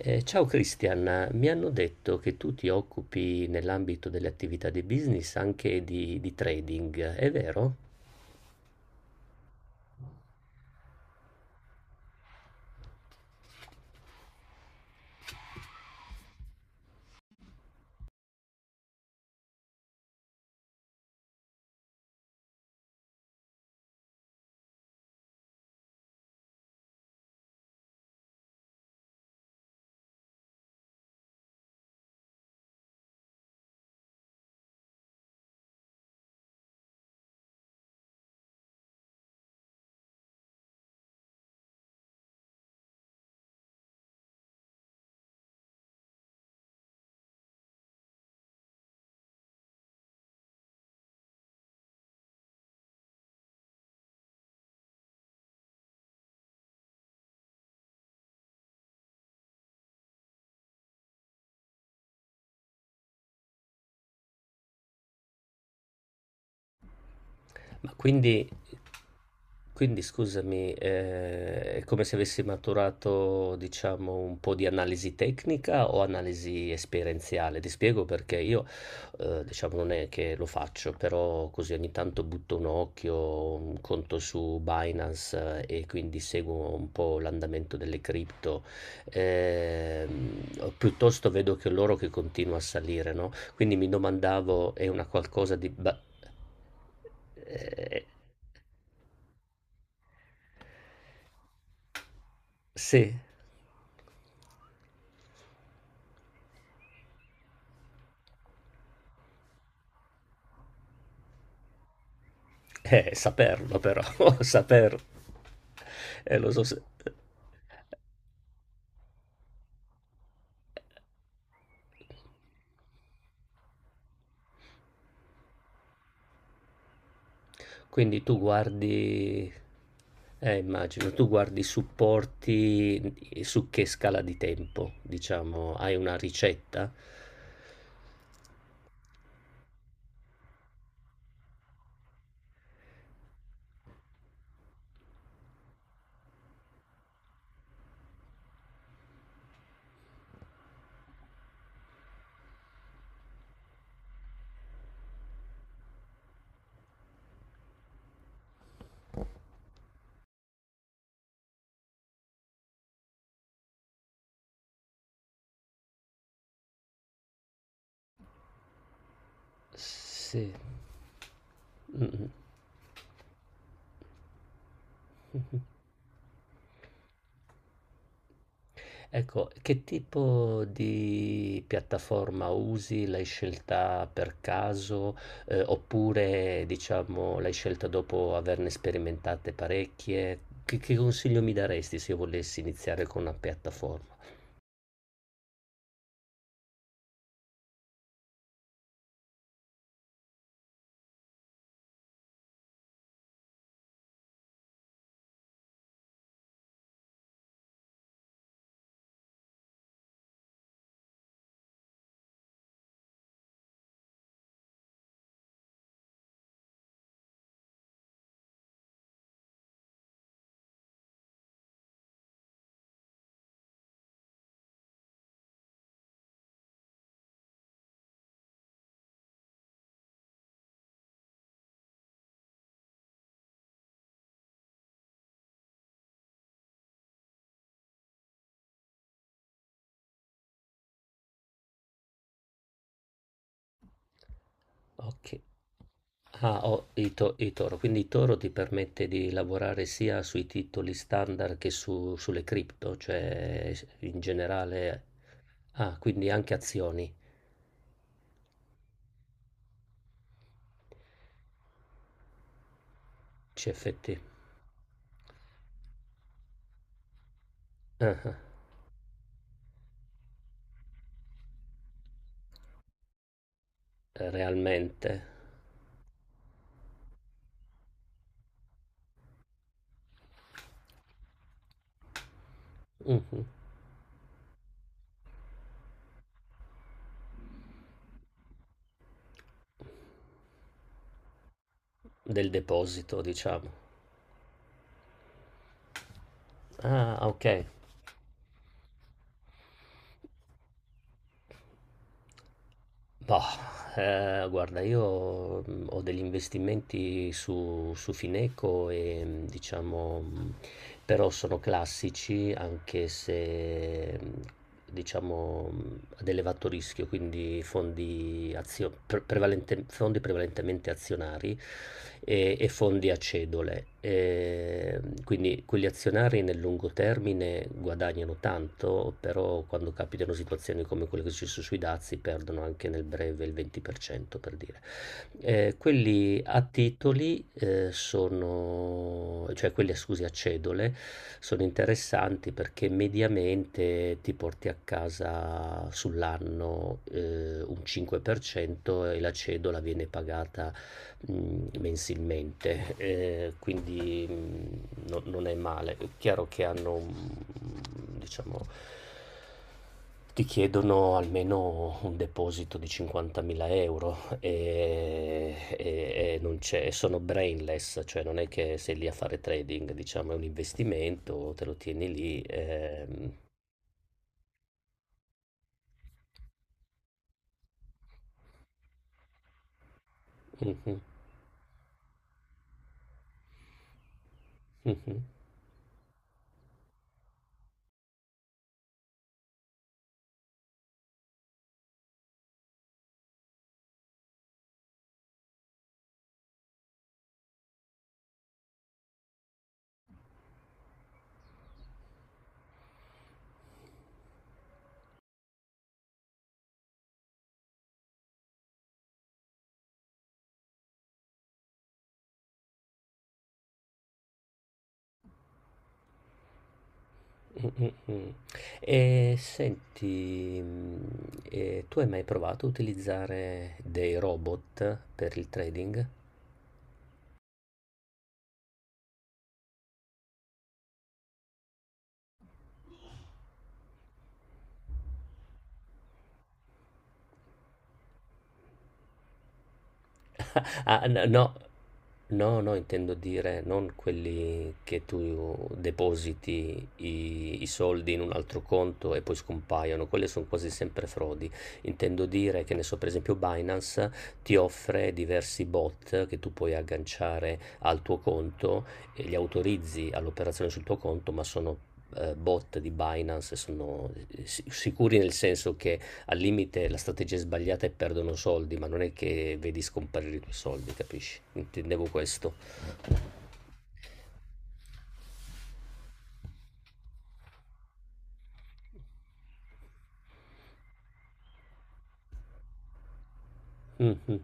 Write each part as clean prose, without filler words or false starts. Ciao Christian, mi hanno detto che tu ti occupi nell'ambito delle attività di business anche di trading, è vero? Ma quindi scusami, è come se avessi maturato, diciamo, un po' di analisi tecnica o analisi esperienziale? Ti spiego perché io, diciamo, non è che lo faccio, però così ogni tanto butto un occhio, un conto su Binance e quindi seguo un po' l'andamento delle cripto, o piuttosto vedo che l'oro che continua a salire, no, quindi mi domandavo è una qualcosa di ba eh, sì, saperlo però, saperlo. Lo so se- Quindi tu guardi, immagino, tu guardi i supporti su che scala di tempo, diciamo, hai una ricetta? Sì. Mm, mm. Ecco, che tipo di piattaforma usi? L'hai scelta per caso, oppure diciamo l'hai scelta dopo averne sperimentate parecchie? Che consiglio mi daresti se io volessi iniziare con una piattaforma? Ok. Ah, ho i, to- i Toro, quindi Toro ti permette di lavorare sia sui titoli standard che su- sulle cripto, cioè in generale, ah, quindi anche azioni, CFT. Ah, ah. Eh, realmente? Mh-mh. Del deposito, diciamo. Ah, okay. Boh, guarda io, ho degli investimenti su Fineco diciamo, però sono classici anche se, diciamo, ad elevato rischio, quindi fondi azio prevalente fondi prevalentemente azionari. E fondi a cedole. E quindi quegli azionari nel lungo termine guadagnano tanto, però quando capitano situazioni come quelle che ci sono sui dazi perdono anche nel breve il 20% per cento, per dire. Quelli a titoli sono, cioè quelli scusi, a cedole sono interessanti perché mediamente ti porti a casa sull'anno un 5% e la cedola viene pagata mensilmente, quindi, no non è male. È chiaro che hanno, diciamo ti chiedono almeno un deposito di 50.000 €, ehm, e non c'è e sono brainless, cioè non è che sei lì a fare trading, diciamo, è un investimento, te lo tieni lì, mh-mh, mh-mh. Mh, mh, mh. E senti, e tu hai mai provato a utilizzare dei robot per il trading? Ah, n- no, no, no, intendo dire non quelli che tu depositi i soldi in un altro conto e poi scompaiono, quelle sono quasi sempre frodi. Intendo dire che ne so, per esempio, Binance ti offre diversi bot che tu puoi agganciare al tuo conto e li autorizzi all'operazione sul tuo conto, ma sono bot di Binance e sono si- sicuri nel senso che al limite la strategia è sbagliata e perdono soldi, ma non è che vedi scomparire i tuoi soldi, capisci? Intendevo questo. Mhm,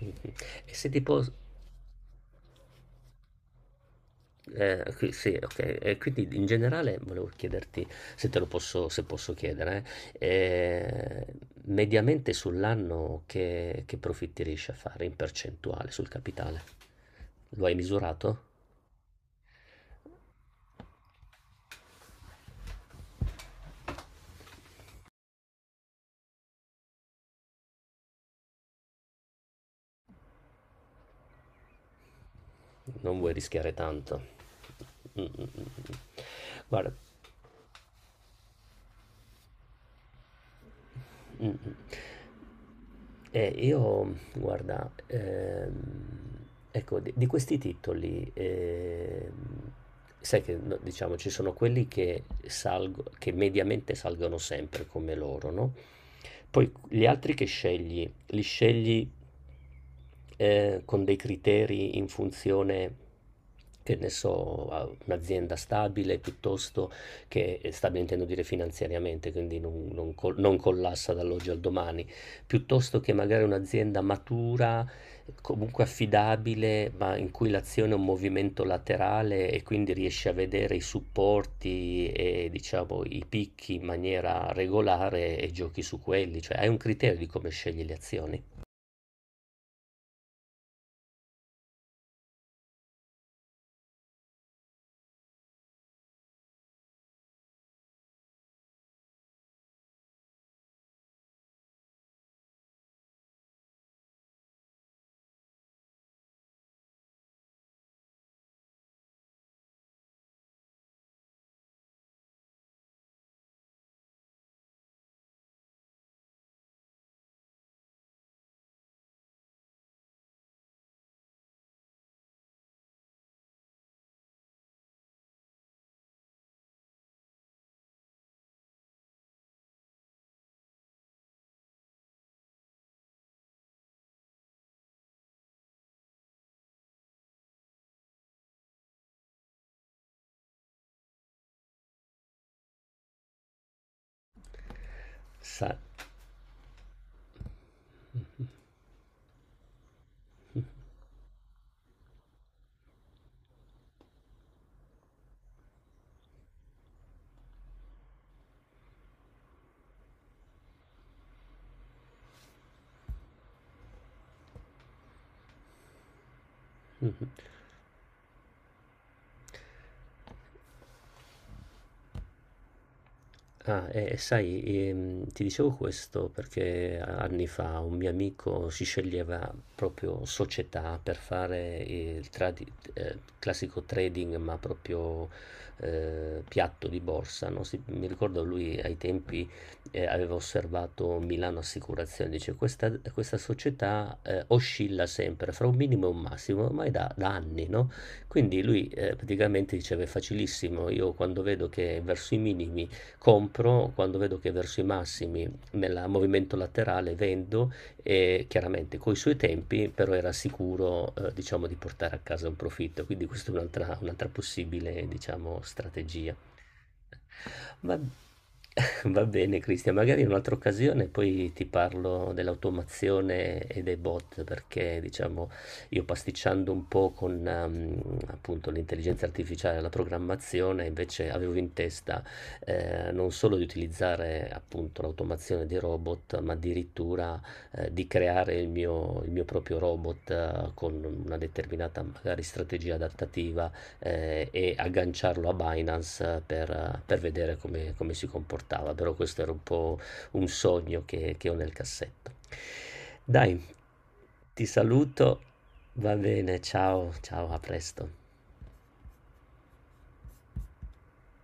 mhm. E se ti posso... qui- sì, ok. E quindi in generale volevo chiederti se te lo posso, se posso chiedere, eh, eh, mediamente sull'anno che profitti riesci a fare in percentuale sul capitale? Lo hai misurato? Non vuoi rischiare tanto. Mm, mm, mm, mm. Guarda, mm, mm. Io, guarda, ecco, di questi titoli, sai che no, diciamo ci sono quelli che salgo, che mediamente salgono sempre come loro, no? Poi gli altri che scegli, li scegli con dei criteri in funzione, che ne so, a un'azienda stabile piuttosto che stabile intendo dire finanziariamente, quindi non, non col- non collassa dall'oggi al domani, piuttosto che magari un'azienda matura, comunque affidabile, ma in cui l'azione è un movimento laterale e quindi riesce a vedere i supporti e diciamo i picchi in maniera regolare e giochi su quelli, cioè hai un criterio di come scegli le azioni. Sa- Ah, e sai, ti dicevo questo perché anni fa un mio amico si sceglieva proprio società per fare il tradi- classico trading, ma proprio piatto di borsa, no? Si- mi ricordo lui ai tempi aveva osservato Milano Assicurazioni, dice questa, questa società oscilla sempre fra un minimo e un massimo, ormai da anni, no? Quindi lui praticamente diceva è facilissimo, io quando vedo che verso i minimi compro quando vedo che è verso i massimi nel movimento laterale vendo e chiaramente coi suoi tempi però era sicuro diciamo di portare a casa un profitto quindi questa è un'altra, un'altra possibile diciamo strategia Va, va bene, Cristian, magari in un'altra occasione poi ti parlo dell'automazione e dei bot, perché diciamo io pasticciando un po' con appunto l'intelligenza artificiale e la programmazione, invece avevo in testa non solo di utilizzare appunto l'automazione dei robot, ma addirittura di creare il mio proprio robot con una determinata magari strategia adattativa e agganciarlo a Binance per vedere come, come si comportava. Però questo era un po' un sogno che ho nel cassetto. Dai, ti saluto, va bene, ciao, ciao, a presto.